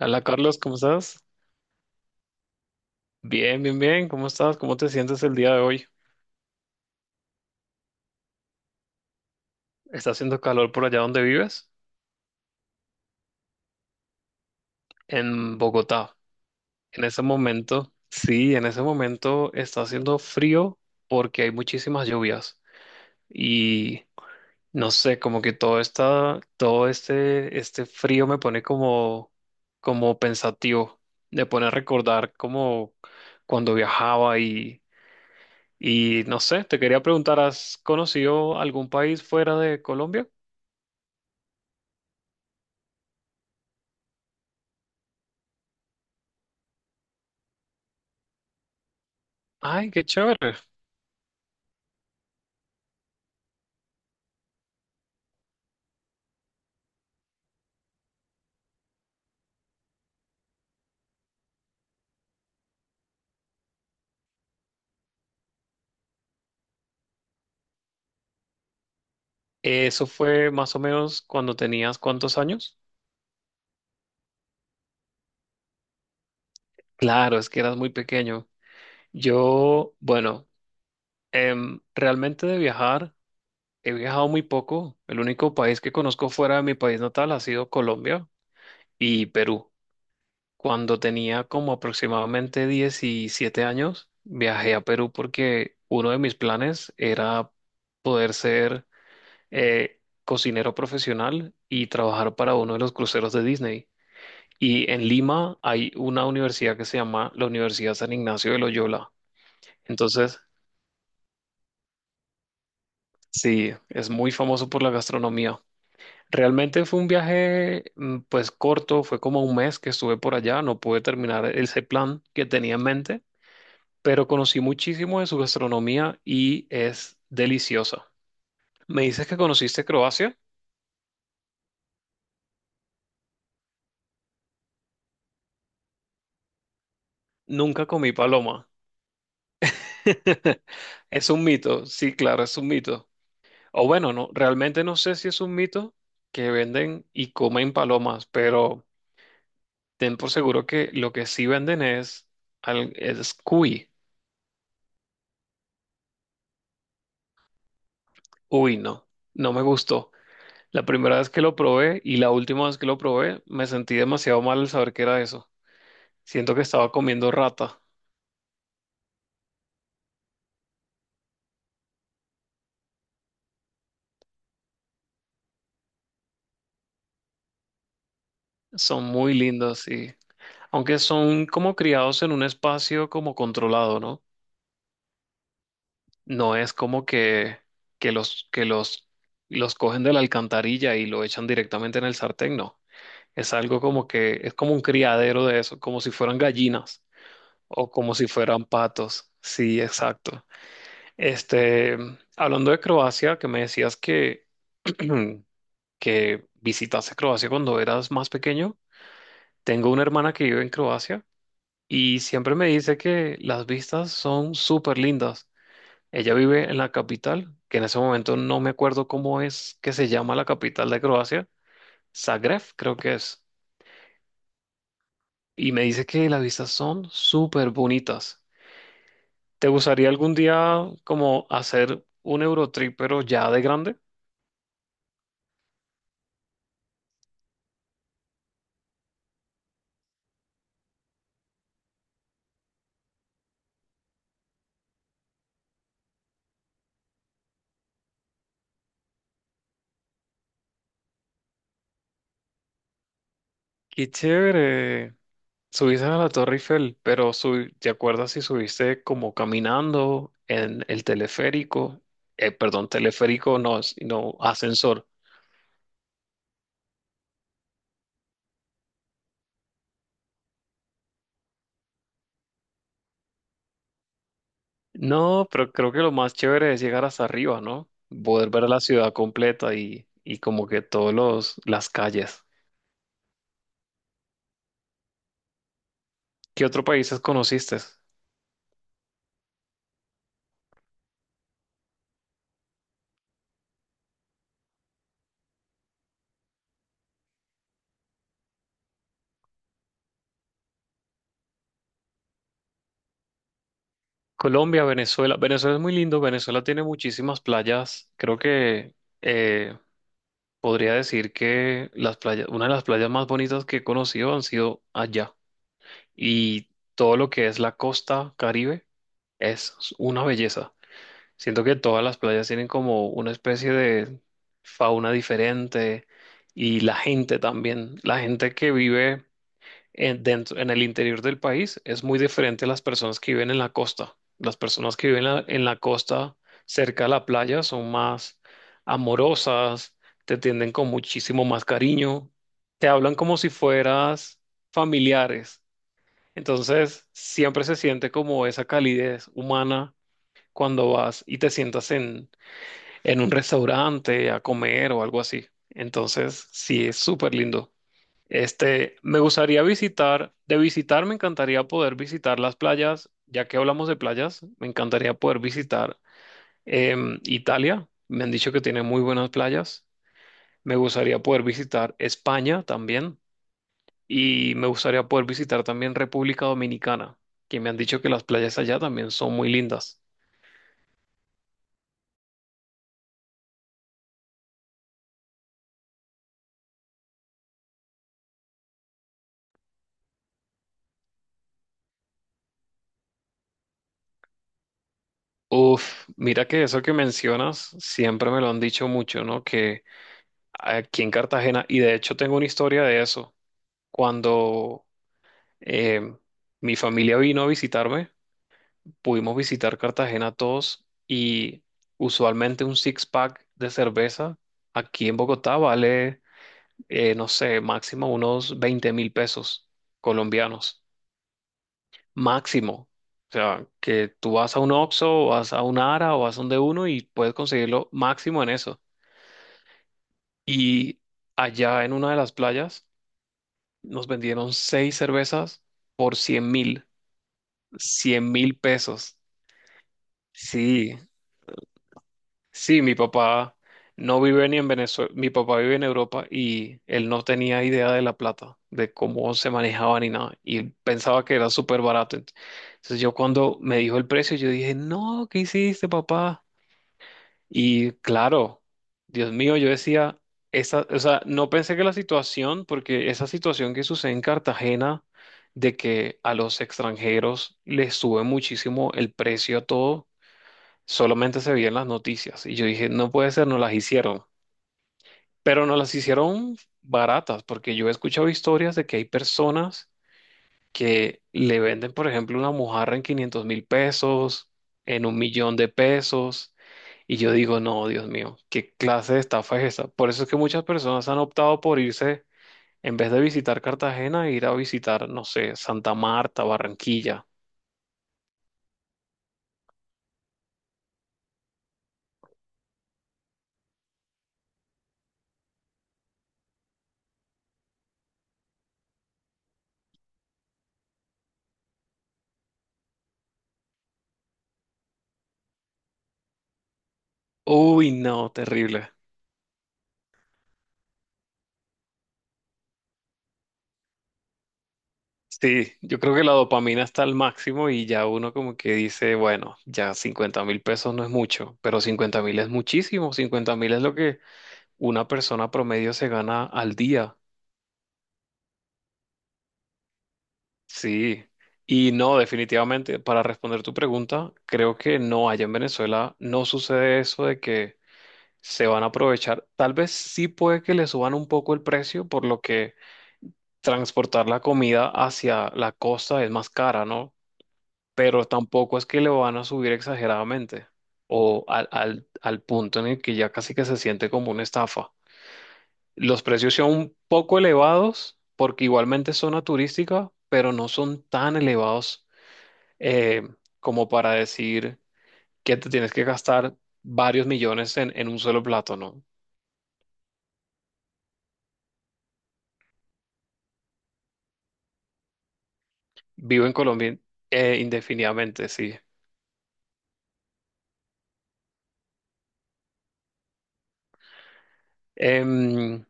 Hola Carlos, ¿cómo estás? Bien, bien, bien, ¿cómo estás? ¿Cómo te sientes el día de hoy? ¿Está haciendo calor por allá donde vives? En Bogotá. En ese momento, sí, en ese momento está haciendo frío porque hay muchísimas lluvias y no sé, como que todo está, todo este frío me pone como pensativo, me pone a recordar como cuando viajaba y no sé, te quería preguntar, ¿has conocido algún país fuera de Colombia? Ay, qué chévere. ¿Eso fue más o menos cuando tenías cuántos años? Claro, es que eras muy pequeño. Yo, bueno, realmente de viajar, he viajado muy poco. El único país que conozco fuera de mi país natal ha sido Colombia y Perú. Cuando tenía como aproximadamente 17 años, viajé a Perú porque uno de mis planes era poder ser eh, cocinero profesional y trabajar para uno de los cruceros de Disney. Y en Lima hay una universidad que se llama la Universidad San Ignacio de Loyola. Entonces, sí, es muy famoso por la gastronomía. Realmente fue un viaje, pues corto, fue como un mes que estuve por allá, no pude terminar ese plan que tenía en mente, pero conocí muchísimo de su gastronomía y es deliciosa. ¿Me dices que conociste Croacia? Nunca comí paloma. Es un mito, sí, claro, es un mito. O bueno, no, realmente no sé si es un mito que venden y comen palomas, pero ten por seguro que lo que sí venden es, es cuy. Uy, no, no me gustó. La primera vez que lo probé y la última vez que lo probé, me sentí demasiado mal al saber que era eso. Siento que estaba comiendo rata. Son muy lindos y aunque son como criados en un espacio como controlado, ¿no? No es como que, que los los cogen de la alcantarilla y lo echan directamente en el sartén, no. Es algo como que, es como un criadero de eso, como si fueran gallinas o como si fueran patos. Sí, exacto. Este, hablando de Croacia, que me decías que, que visitaste Croacia cuando eras más pequeño, tengo una hermana que vive en Croacia y siempre me dice que las vistas son súper lindas. Ella vive en la capital, que en ese momento no me acuerdo cómo es que se llama la capital de Croacia, Zagreb, creo que es. Y me dice que las vistas son súper bonitas. ¿Te gustaría algún día como hacer un Eurotrip, pero ya de grande? Qué chévere. Subiste a la Torre Eiffel, pero ¿te acuerdas si subiste como caminando en el teleférico? Perdón, teleférico no, no ascensor. No, pero creo que lo más chévere es llegar hasta arriba, ¿no? Poder ver la ciudad completa y como que todos los, las calles. ¿Qué otro países conociste? Colombia, Venezuela. Venezuela es muy lindo. Venezuela tiene muchísimas playas. Creo que eh, podría decir que las playas, una de las playas más bonitas que he conocido han sido allá. Y todo lo que es la costa Caribe es una belleza. Siento que todas las playas tienen como una especie de fauna diferente y la gente también. La gente que vive en, dentro, en el interior del país es muy diferente a las personas que viven en la costa. Las personas que viven en la costa cerca de la playa son más amorosas, te tienden con muchísimo más cariño, te hablan como si fueras familiares. Entonces siempre se siente como esa calidez humana cuando vas y te sientas en un restaurante a comer o algo así. Entonces, sí, es súper lindo. Este, me gustaría visitar, de visitar me encantaría poder visitar las playas, ya que hablamos de playas, me encantaría poder visitar Italia, me han dicho que tiene muy buenas playas, me gustaría poder visitar España también y me gustaría poder visitar también República Dominicana, que me han dicho que las playas allá también son muy lindas. Uf, mira que eso que mencionas siempre me lo han dicho mucho, ¿no? Que aquí en Cartagena y de hecho tengo una historia de eso. Cuando eh, mi familia vino a visitarme, pudimos visitar Cartagena todos y usualmente un six-pack de cerveza aquí en Bogotá vale, no sé, máximo unos 20.000 pesos colombianos. Máximo. O sea, que tú vas a un Oxxo, o vas a un Ara o vas a un de uno y puedes conseguirlo máximo en eso. Y allá en una de las playas, nos vendieron seis cervezas por 100.000, 100.000 pesos. Sí, sí, mi papá no vive ni en Venezuela, mi papá vive en Europa y él no tenía idea de la plata, de cómo se manejaba ni nada, y él pensaba que era súper barato. Entonces yo cuando me dijo el precio, yo dije, no, ¿qué hiciste, papá? Y claro, Dios mío, yo decía, esa, o sea, no pensé que la situación, porque esa situación que sucede en Cartagena, de que a los extranjeros les sube muchísimo el precio a todo, solamente se veía en las noticias. Y yo dije, no puede ser, no las hicieron. Pero no las hicieron baratas, porque yo he escuchado historias de que hay personas que le venden, por ejemplo, una mojarra en 500.000 pesos, en 1 millón de pesos, y yo digo, no, Dios mío, ¿qué clase de estafa es esa? Por eso es que muchas personas han optado por irse, en vez de visitar Cartagena, ir a visitar, no sé, Santa Marta, Barranquilla. Uy, no, terrible. Sí, yo creo que la dopamina está al máximo y ya uno como que dice, bueno, ya 50.000 pesos no es mucho, pero 50.000 es muchísimo, 50.000 es lo que una persona promedio se gana al día. Sí, y no, definitivamente, para responder tu pregunta, creo que no, allá en Venezuela no sucede eso de que se van a aprovechar. Tal vez sí puede que le suban un poco el precio, por lo que transportar la comida hacia la costa es más cara, ¿no? Pero tampoco es que le van a subir exageradamente o al punto en el que ya casi que se siente como una estafa. Los precios son un poco elevados porque igualmente es zona turística, pero no son tan elevados eh, como para decir que te tienes que gastar varios millones en un solo plato, ¿no? Vivo en Colombia indefinidamente, sí. Em,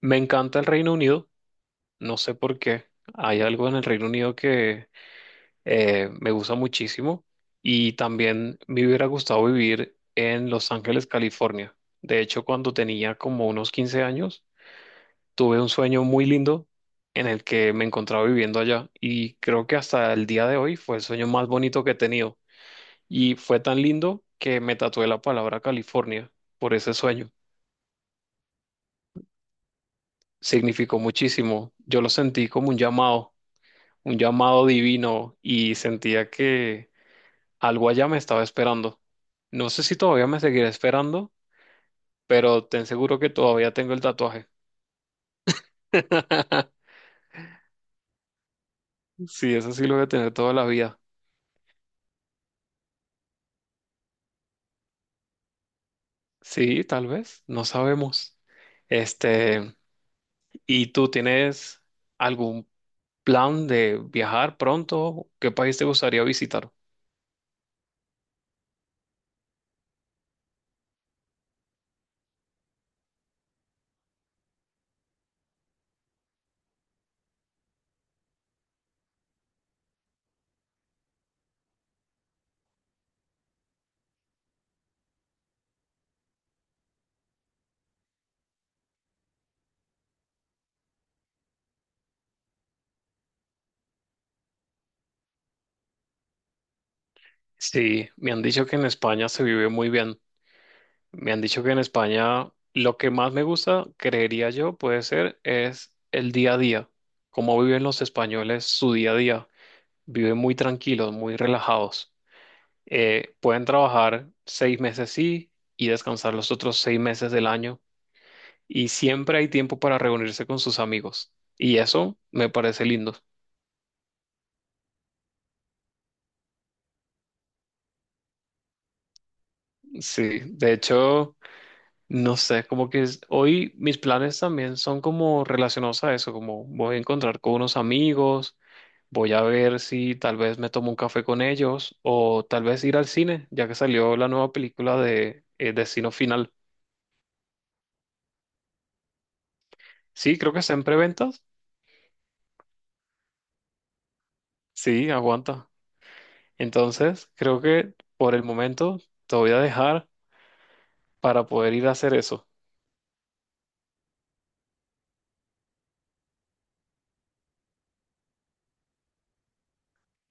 me encanta el Reino Unido, no sé por qué. Hay algo en el Reino Unido que me gusta muchísimo y también me hubiera gustado vivir en Los Ángeles, California. De hecho, cuando tenía como unos 15 años, tuve un sueño muy lindo en el que me encontraba viviendo allá y creo que hasta el día de hoy fue el sueño más bonito que he tenido y fue tan lindo que me tatué la palabra California por ese sueño. Significó muchísimo. Yo lo sentí como un llamado divino y sentía que algo allá me estaba esperando. No sé si todavía me seguirá esperando, pero te aseguro que todavía tengo el tatuaje. Sí, eso sí lo voy a tener toda la vida. Sí, tal vez, no sabemos. Este, ¿y tú tienes algún plan de viajar pronto? ¿Qué país te gustaría visitar? Sí, me han dicho que en España se vive muy bien. Me han dicho que en España lo que más me gusta, creería yo, puede ser, es el día a día. Cómo viven los españoles su día a día. Viven muy tranquilos, muy relajados. Pueden trabajar 6 meses sí y descansar los otros 6 meses del año y siempre hay tiempo para reunirse con sus amigos. Y eso me parece lindo. Sí, de hecho, no sé, como que hoy mis planes también son como relacionados a eso, como voy a encontrar con unos amigos, voy a ver si tal vez me tomo un café con ellos o tal vez ir al cine, ya que salió la nueva película de Destino Final. Sí, creo que está en preventas. Sí, aguanta. Entonces, creo que por el momento te voy a dejar para poder ir a hacer eso.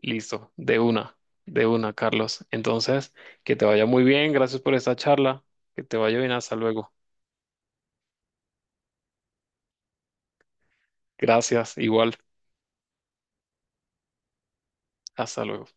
Listo, de una, Carlos. Entonces, que te vaya muy bien, gracias por esta charla, que te vaya bien, hasta luego. Gracias, igual, hasta luego.